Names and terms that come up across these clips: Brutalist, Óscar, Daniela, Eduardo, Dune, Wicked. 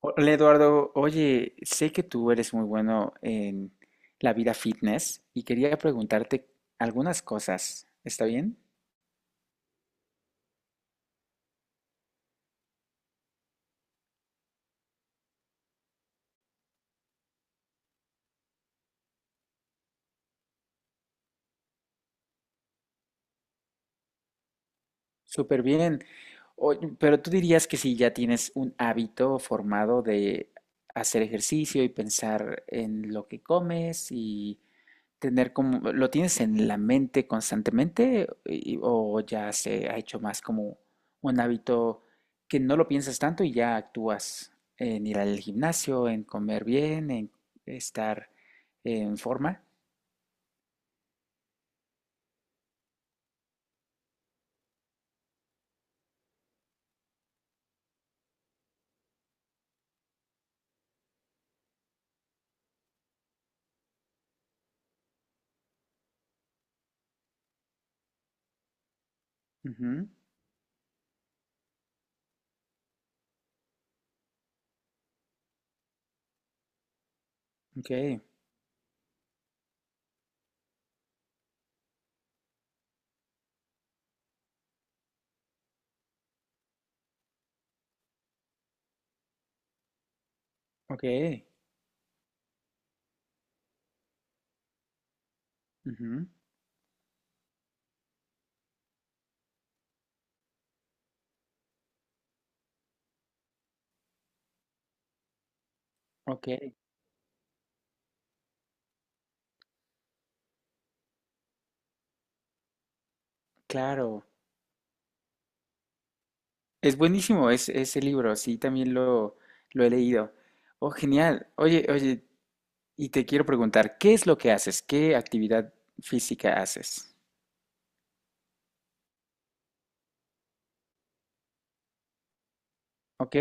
Hola Eduardo, oye, sé que tú eres muy bueno en la vida fitness y quería preguntarte algunas cosas. ¿Está bien? Súper bien. Oye, pero tú dirías que si ya tienes un hábito formado de hacer ejercicio y pensar en lo que comes y tener como, ¿lo tienes en la mente constantemente y- o ya se ha hecho más como un hábito que no lo piensas tanto y ya actúas en ir al gimnasio, en comer bien, en estar en forma? Ujú. Ok, ok, ujú, ok, claro. Es buenísimo ese libro, sí, también lo he leído. Oh, genial. Oye, oye, y te quiero preguntar, ¿qué es lo que haces? ¿Qué actividad física haces? Ok.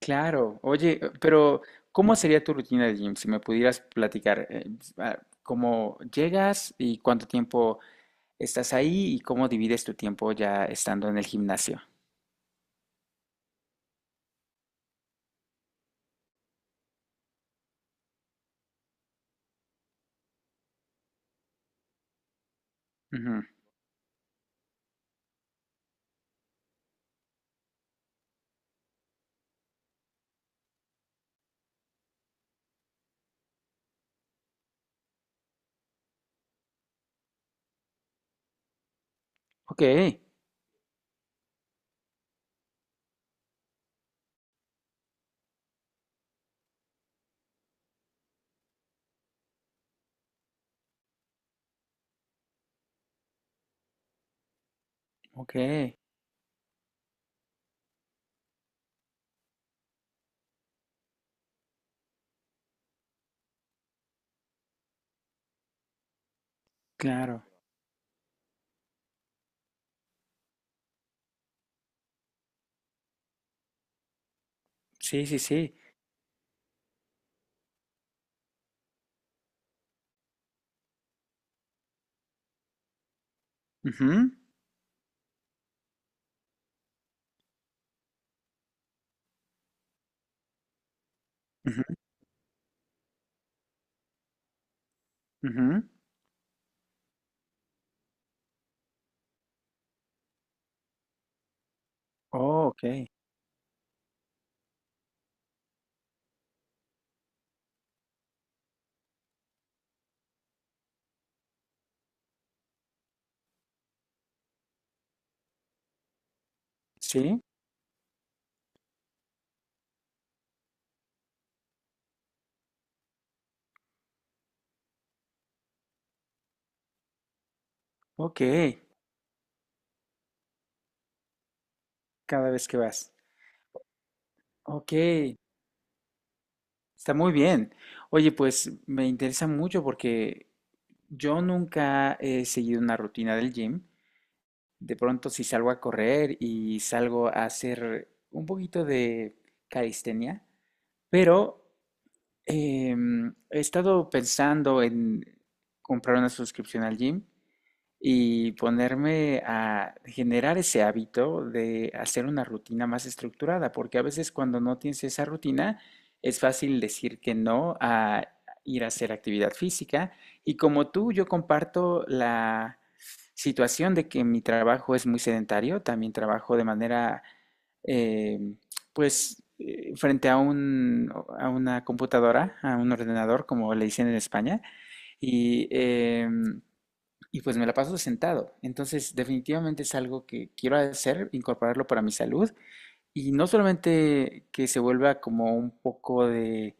Claro, oye, pero ¿cómo sería tu rutina de gym? Si me pudieras platicar, ¿cómo llegas y cuánto tiempo estás ahí y cómo divides tu tiempo ya estando en el gimnasio? Ujú. Ok, ok, claro. Sí, sí, sí. Ujú, ujú, ujú. Oh, ok, sí, ok, cada vez que vas. Ok, está muy bien. Oye, pues me interesa mucho porque yo nunca he seguido una rutina del gym. De pronto, si salgo a correr y salgo a hacer un poquito de calistenia, pero he estado pensando en comprar una suscripción al gym y ponerme a generar ese hábito de hacer una rutina más estructurada, porque a veces cuando no tienes esa rutina es fácil decir que no a ir a hacer actividad física. Y como tú, yo comparto la situación de que mi trabajo es muy sedentario, también trabajo de manera, eh, frente a a una computadora, a un ordenador, como le dicen en España, y... y pues me la paso sentado. Entonces, definitivamente es algo que quiero hacer, incorporarlo para mi salud. Y no solamente que se vuelva como un poco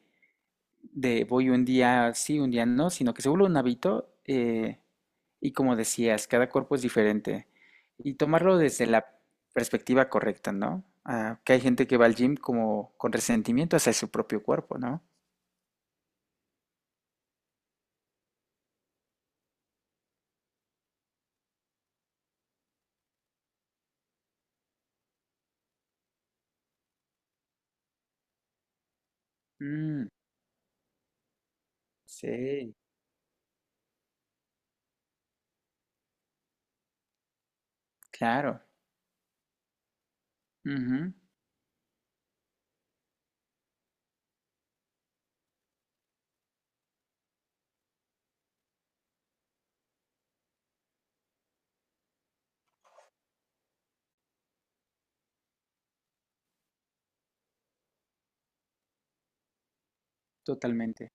de voy un día sí, un día no, sino que se vuelva un hábito. Y como decías, cada cuerpo es diferente. Y tomarlo desde la perspectiva correcta, ¿no? Ah, que hay gente que va al gym como con resentimiento hacia su propio cuerpo, ¿no? Mm, sí, claro. Ujú, totalmente.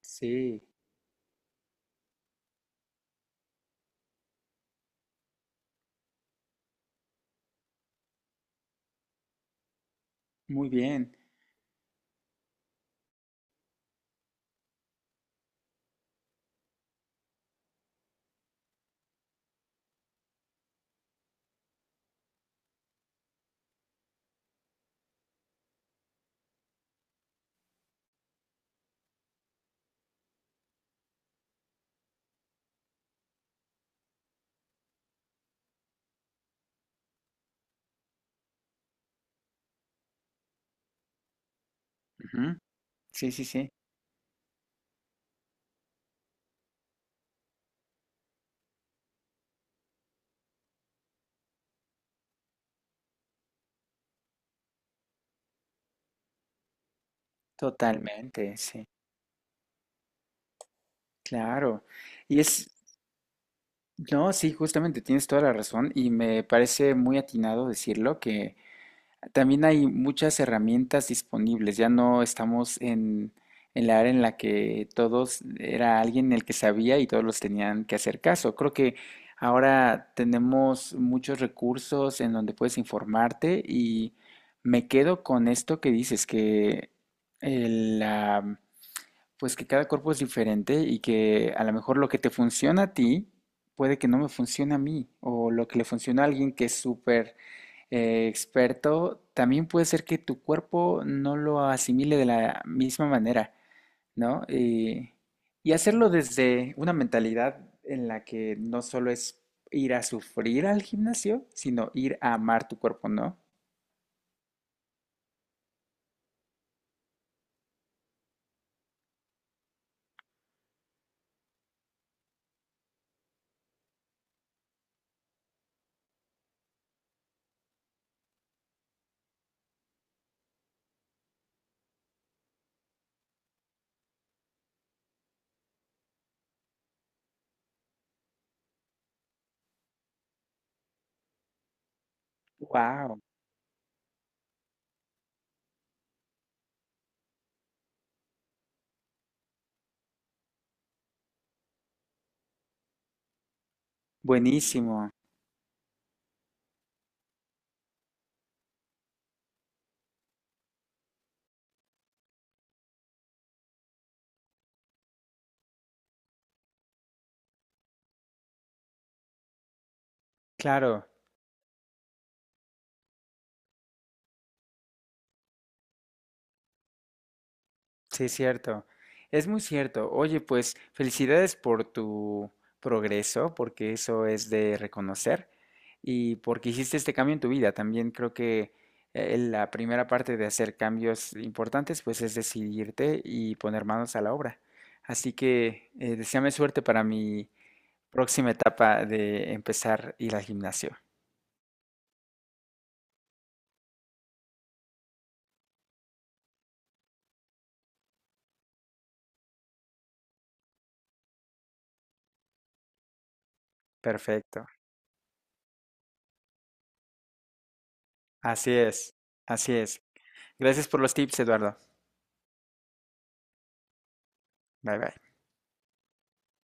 Sí, muy bien. Ujú. Sí, sí, sí, totalmente, sí, claro. Y es, no, sí, justamente tienes toda la razón y me parece muy atinado decirlo que también hay muchas herramientas disponibles, ya no estamos en la era en la que todos era alguien el que sabía y todos los tenían que hacer caso. Creo que ahora tenemos muchos recursos en donde puedes informarte y me quedo con esto que dices, que el, pues que cada cuerpo es diferente y que a lo mejor lo que te funciona a ti puede que no me funcione a mí, o lo que le funciona a alguien que es súper experto, también puede ser que tu cuerpo no lo asimile de la misma manera, ¿no? Y hacerlo desde una mentalidad en la que no solo es ir a sufrir al gimnasio, sino ir a amar tu cuerpo, ¿no? ¡Wow! Buenísimo, claro. Sí, cierto. Es muy cierto. Oye, pues felicidades por tu progreso, porque eso es de reconocer y porque hiciste este cambio en tu vida. También creo que la primera parte de hacer cambios importantes, pues es decidirte y poner manos a la obra. Así que deséame suerte para mi próxima etapa de empezar a ir al gimnasio. Perfecto. Así es. Así es. Gracias por los tips, Eduardo. Bye bye.